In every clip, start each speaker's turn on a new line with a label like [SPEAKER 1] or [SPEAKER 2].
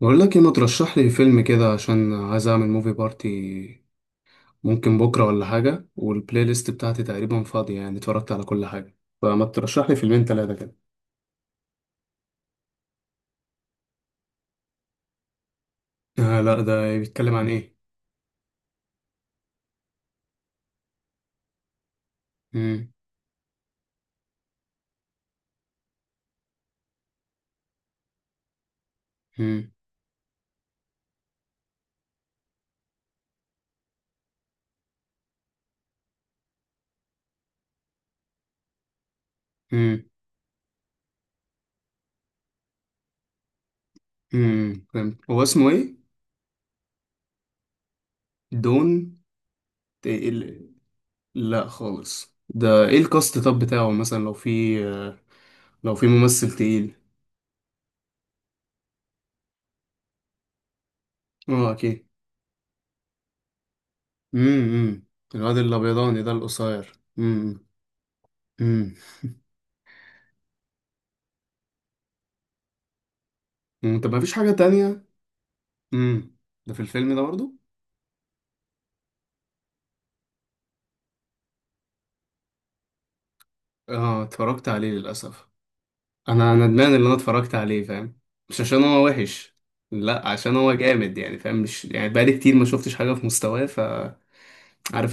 [SPEAKER 1] بقول لك ايه، ما ترشح لي فيلم كده عشان عايز اعمل موفي بارتي. ممكن بكره ولا حاجه، والبلاي ليست بتاعتي تقريبا فاضيه، يعني اتفرجت على كل حاجه. فما ترشح لي فيلمين ثلاثه كده. آه لا، ده بيتكلم عن ايه؟ مم. مم. مم. فهمت. هو اسمه ايه؟ دون. إيه ال- لا خالص. ده ايه الكاست طب بتاعه؟ مثلا لو في ممثل تقيل. اه اكيد. امم. الواد الابيضاني ده القصير. امم. امم. طب ما فيش حاجه تانية؟ امم. ده في الفيلم ده برضو؟ اه اتفرجت عليه للأسف. انا ندمان اللي انا اتفرجت عليه، فاهم؟ مش عشان هو وحش، لا عشان هو جامد يعني فاهم. مش يعني، بقالي كتير ما شفتش حاجة في مستواه، فعارف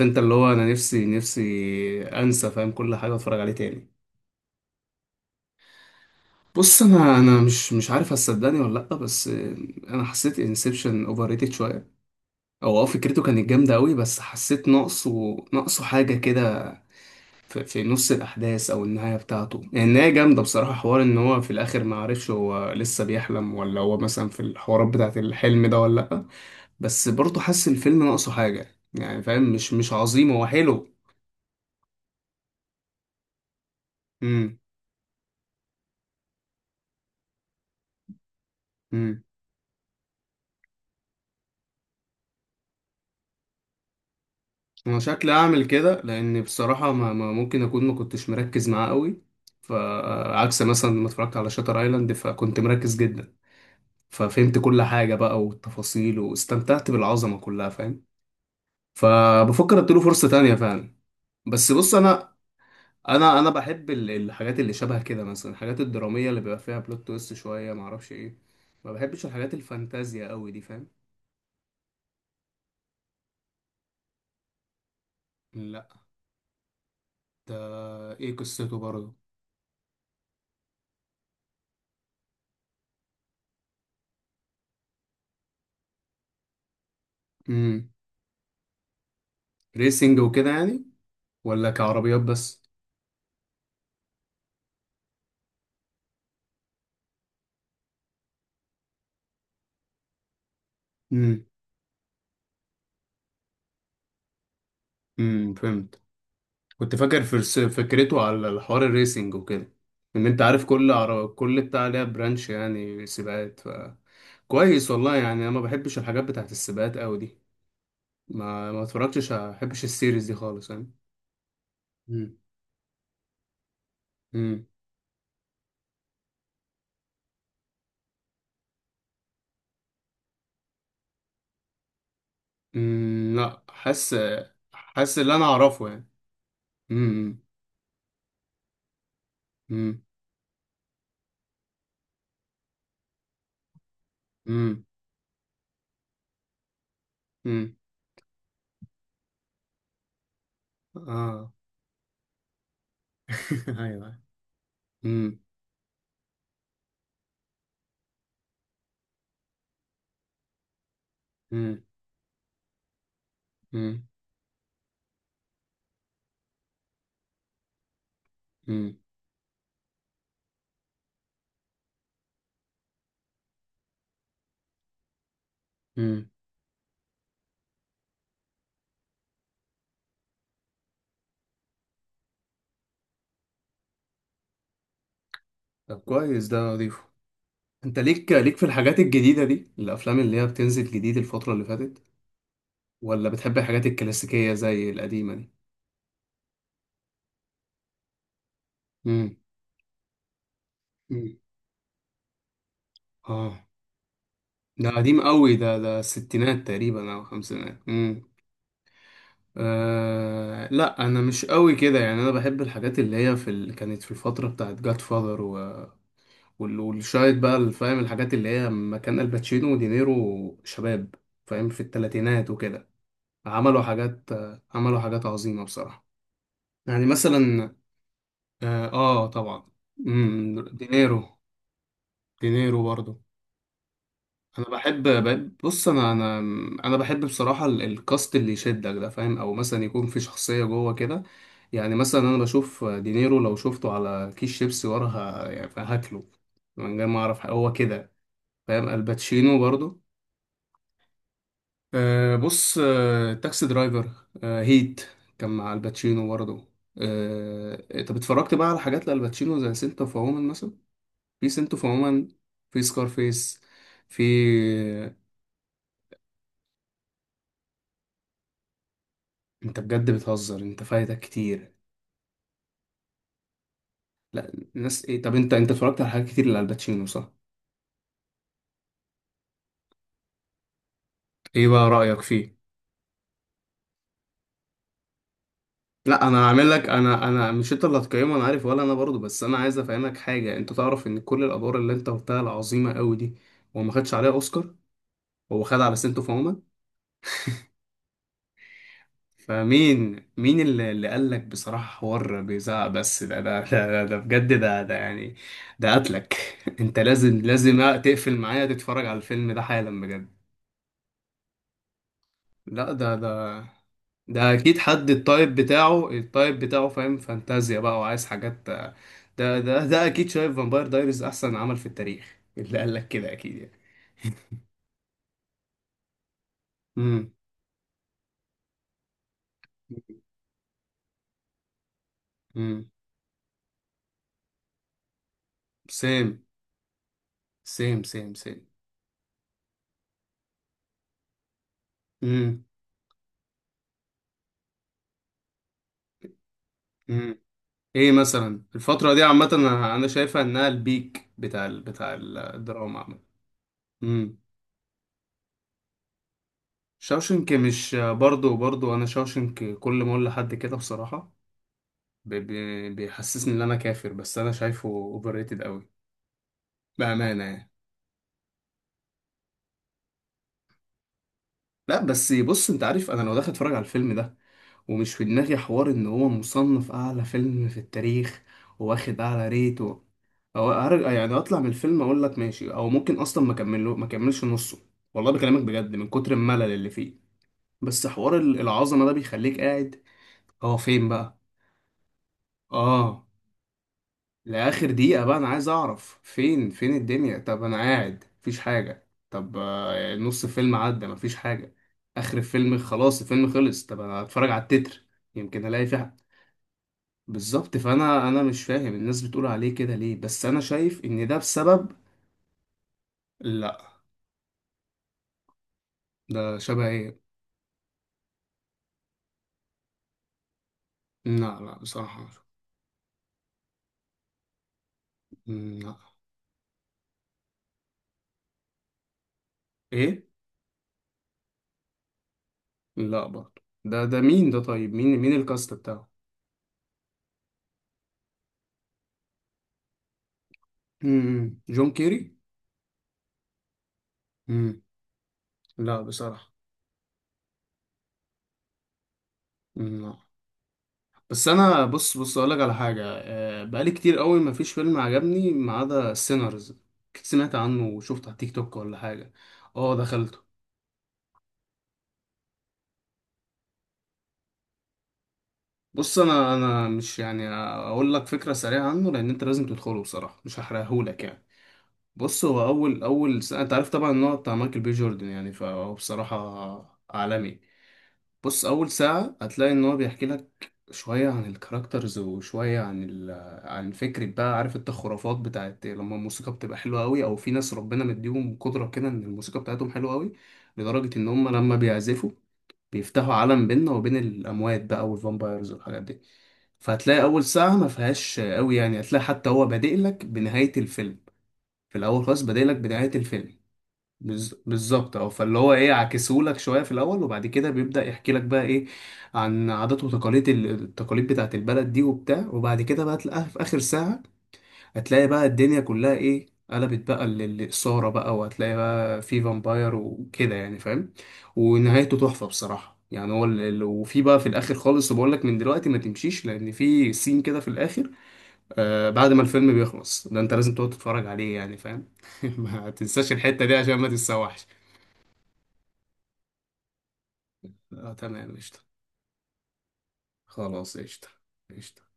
[SPEAKER 1] انت اللي هو انا نفسي انسى، فاهم، كل حاجة، اتفرج عليه تاني. بص انا، انا مش عارف هتصدقني ولا لا، بس انا حسيت انسبشن اوفر ريتد شويه. او فكرته كانت جامده قوي بس حسيت ناقصه حاجه كده. في نص الأحداث أو النهاية بتاعته. يعني النهاية جامدة بصراحة، حوار إن هو في الآخر ما عرفش هو لسه بيحلم ولا هو مثلا في الحوارات بتاعة الحلم ده ولا لأ. بس برضه حاسس الفيلم ناقصه حاجة، يعني فاهم، مش عظيم، هو حلو. امم. امم. أنا شكلي أعمل كده، لأن بصراحة ما, ما ممكن أكون ما كنتش مركز معاه قوي. فعكس مثلا لما اتفرجت على شاتر ايلاند، فكنت مركز جدا، ففهمت كل حاجة بقى والتفاصيل واستمتعت بالعظمة كلها، فاهم. فبفكر اديله فرصة تانية فعلا. بس بص انا، انا بحب الحاجات اللي شبه كده، مثلا الحاجات الدراميه اللي بيبقى فيها بلوت تويست شويه، ما اعرفش ايه. ما بحبش الحاجات الفانتازيا قوي دي، فاهم. لا ده، ايه قصته برضه؟ امم. ريسنج وكده يعني؟ ولا كعربيات بس؟ امم. فهمت. كنت فاكر فكرته على الحوار الريسنج وكده، ان انت عارف كل بتاع ليها برانش، يعني سباقات. ف كويس والله، يعني انا ما بحبش الحاجات بتاعت السباقات قوي دي. ما اتفرجتش ما بحبش السيريز دي خالص يعني. مم. امم. أمم، لا حاسس. حاسس اللي انا اعرفه يعني. امم. امم. امم. امم. اه. ايوه. امم. امم. امم. امم. أمم. طب كويس، ده اضيفه. انت ليك في الحاجات الجديدة دي، الافلام اللي هي بتنزل جديد الفترة اللي فاتت، ولا بتحب الحاجات الكلاسيكية زي القديمة دي؟ امم. مم. اه، ده قديم قوي ده الستينات تقريبا او خمسينات. آه لا انا مش قوي كده يعني. انا بحب الحاجات اللي هي في كانت في الفتره بتاعت جاد فاذر و... والشايد بقى اللي فاهم، الحاجات اللي هي لما كان الباتشينو ودينيرو شباب، فاهم، في الثلاثينات وكده. عملوا حاجات، عملوا حاجات عظيمه بصراحه. يعني مثلا اه, آه طبعا. مم، دينيرو. دينيرو برضه. انا بص انا، انا بحب بصراحه الكاست اللي يشدك ده، فاهم. او مثلا يكون في شخصيه جوه كده. يعني مثلا انا بشوف دينيرو لو شفته على كيس شيبسي، يعني هاكله، من غير ما اعرف هو كده، فاهم. الباتشينو برضو. أه بص، أه تاكسي درايفر. أه هيت، كان مع الباتشينو برضو. أه طب اتفرجت بقى على حاجات لالباتشينو زي سنت اوف وومن مثلا؟ في سنت اوف وومن، في سكارفيس، في انت بجد بتهزر، انت فايتك كتير. لا الناس ايه؟ طب انت، انت اتفرجت على حاجات كتير لالباتشينو صح؟ ايه بقى رأيك فيه؟ لا انا هعمل لك، انا، مش انت اللي هتقيمه انا عارف، ولا انا برضو، بس انا عايز افهمك حاجه. انت تعرف ان كل الادوار اللي انت قلتها العظيمه قوي دي هو ما خدش عليها اوسكار؟ هو خد على سنتو، فاهمة. فمين مين اللي قال لك بصراحه حوار بيزعق؟ بس ده ده بجد، ده يعني. ده قتلك. انت لازم تقفل معايا، تتفرج على الفيلم ده حالا بجد. لا ده، ده اكيد حد، التايب بتاعه التايب بتاعه، فاهم، فانتازيا بقى وعايز حاجات، ده ده ده اكيد شايف فامباير دايريز احسن عمل في التاريخ اللي قال لك كده، اكيد يعني. امم. امم. سيم سيم سيم. امم. امم. ايه مثلا الفترة دي عامة، أنا شايفها انها البيك بتاع بتاع الدراما عامة. امم. شاوشنك. مش برضو، برضو انا شاوشنك كل ما اقول لحد كده بصراحة، بيحسسني ان انا كافر، بس انا شايفه اوفر ريتد، بأمانة يعني. لا بس بص، انت عارف انا لو داخل اتفرج على الفيلم ده ومش في دماغي حوار ان هو مصنف اعلى فيلم في التاريخ، واخد اعلى ريت و... او ارجع يعني اطلع من الفيلم اقول لك ماشي، او ممكن اصلا ما اكملش نصه. والله بكلمك بجد من كتر الملل اللي فيه. بس حوار العظمة ده بيخليك قاعد، هو فين بقى؟ اه لآخر دقيقة بقى، أنا عايز أعرف فين، فين الدنيا؟ طب أنا قاعد مفيش حاجة، طب نص الفيلم عدى مفيش حاجة. آخر الفيلم خلاص، الفيلم خلص، طب أنا هتفرج على التتر، يمكن ألاقي في حاجة. بالظبط. فأنا، أنا مش فاهم الناس بتقول عليه كده ليه، بس أنا شايف إن ده بسبب لا ده شبه إيه؟ لا لا بصراحة مم، لا. إيه؟ لا برضه ده، ده مين ده؟ طيب مين، مين الكاست بتاعه؟ مم، جون كيري. مم، لا بصراحة. مم، لا. بس انا بص، بص اقول لك على حاجه، بقالي كتير قوي ما فيش فيلم عجبني ما عدا سينرز. سمعت عنه وشفته على تيك توك ولا حاجه؟ اه دخلته. بص انا، مش يعني اقول لك فكره سريعه عنه لان انت لازم تدخله بصراحه، مش هحرقهولك يعني. بص هو اول، اول سنة انت عارف طبعا ان هو بتاع مايكل بي جوردن يعني، فهو بصراحه عالمي. بص اول ساعه هتلاقي ان هو بيحكي لك شويه عن الكاركترز وشويه عن عن فكره بقى. عارف انت الخرافات بتاعت لما الموسيقى بتبقى حلوه قوي، او في ناس ربنا مديهم قدره كده ان الموسيقى بتاعتهم حلوه قوي، لدرجه ان هم لما بيعزفوا بيفتحوا عالم بيننا وبين الاموات بقى، والفامبايرز والحاجات دي. فهتلاقي اول ساعه ما فيهاش قوي، يعني هتلاقي حتى هو بادئ لك بنهايه الفيلم. في الاول خالص بادئ لك بنهايه الفيلم. بالظبط، اه. فاللي هو ايه، عكسهولك شويه في الاول، وبعد كده بيبدا يحكي لك بقى ايه عن عادات وتقاليد التقاليد بتاعت البلد دي وبتاع. وبعد كده بقى تلاقيها في اخر ساعه، هتلاقي بقى الدنيا كلها ايه، قلبت بقى للاثاره بقى، وهتلاقي بقى في فامباير وكده يعني، فاهم. ونهايته تحفه بصراحه يعني. هو وفي بقى في الاخر خالص بقول لك من دلوقتي ما تمشيش لان في سين كده في الاخر. آه بعد ما الفيلم بيخلص ده انت لازم تقعد تتفرج عليه، يعني فاهم. ما تنساش الحته دي عشان ما تتسوحش. اه تمام قشطة. خلاص قشطة. قشطة.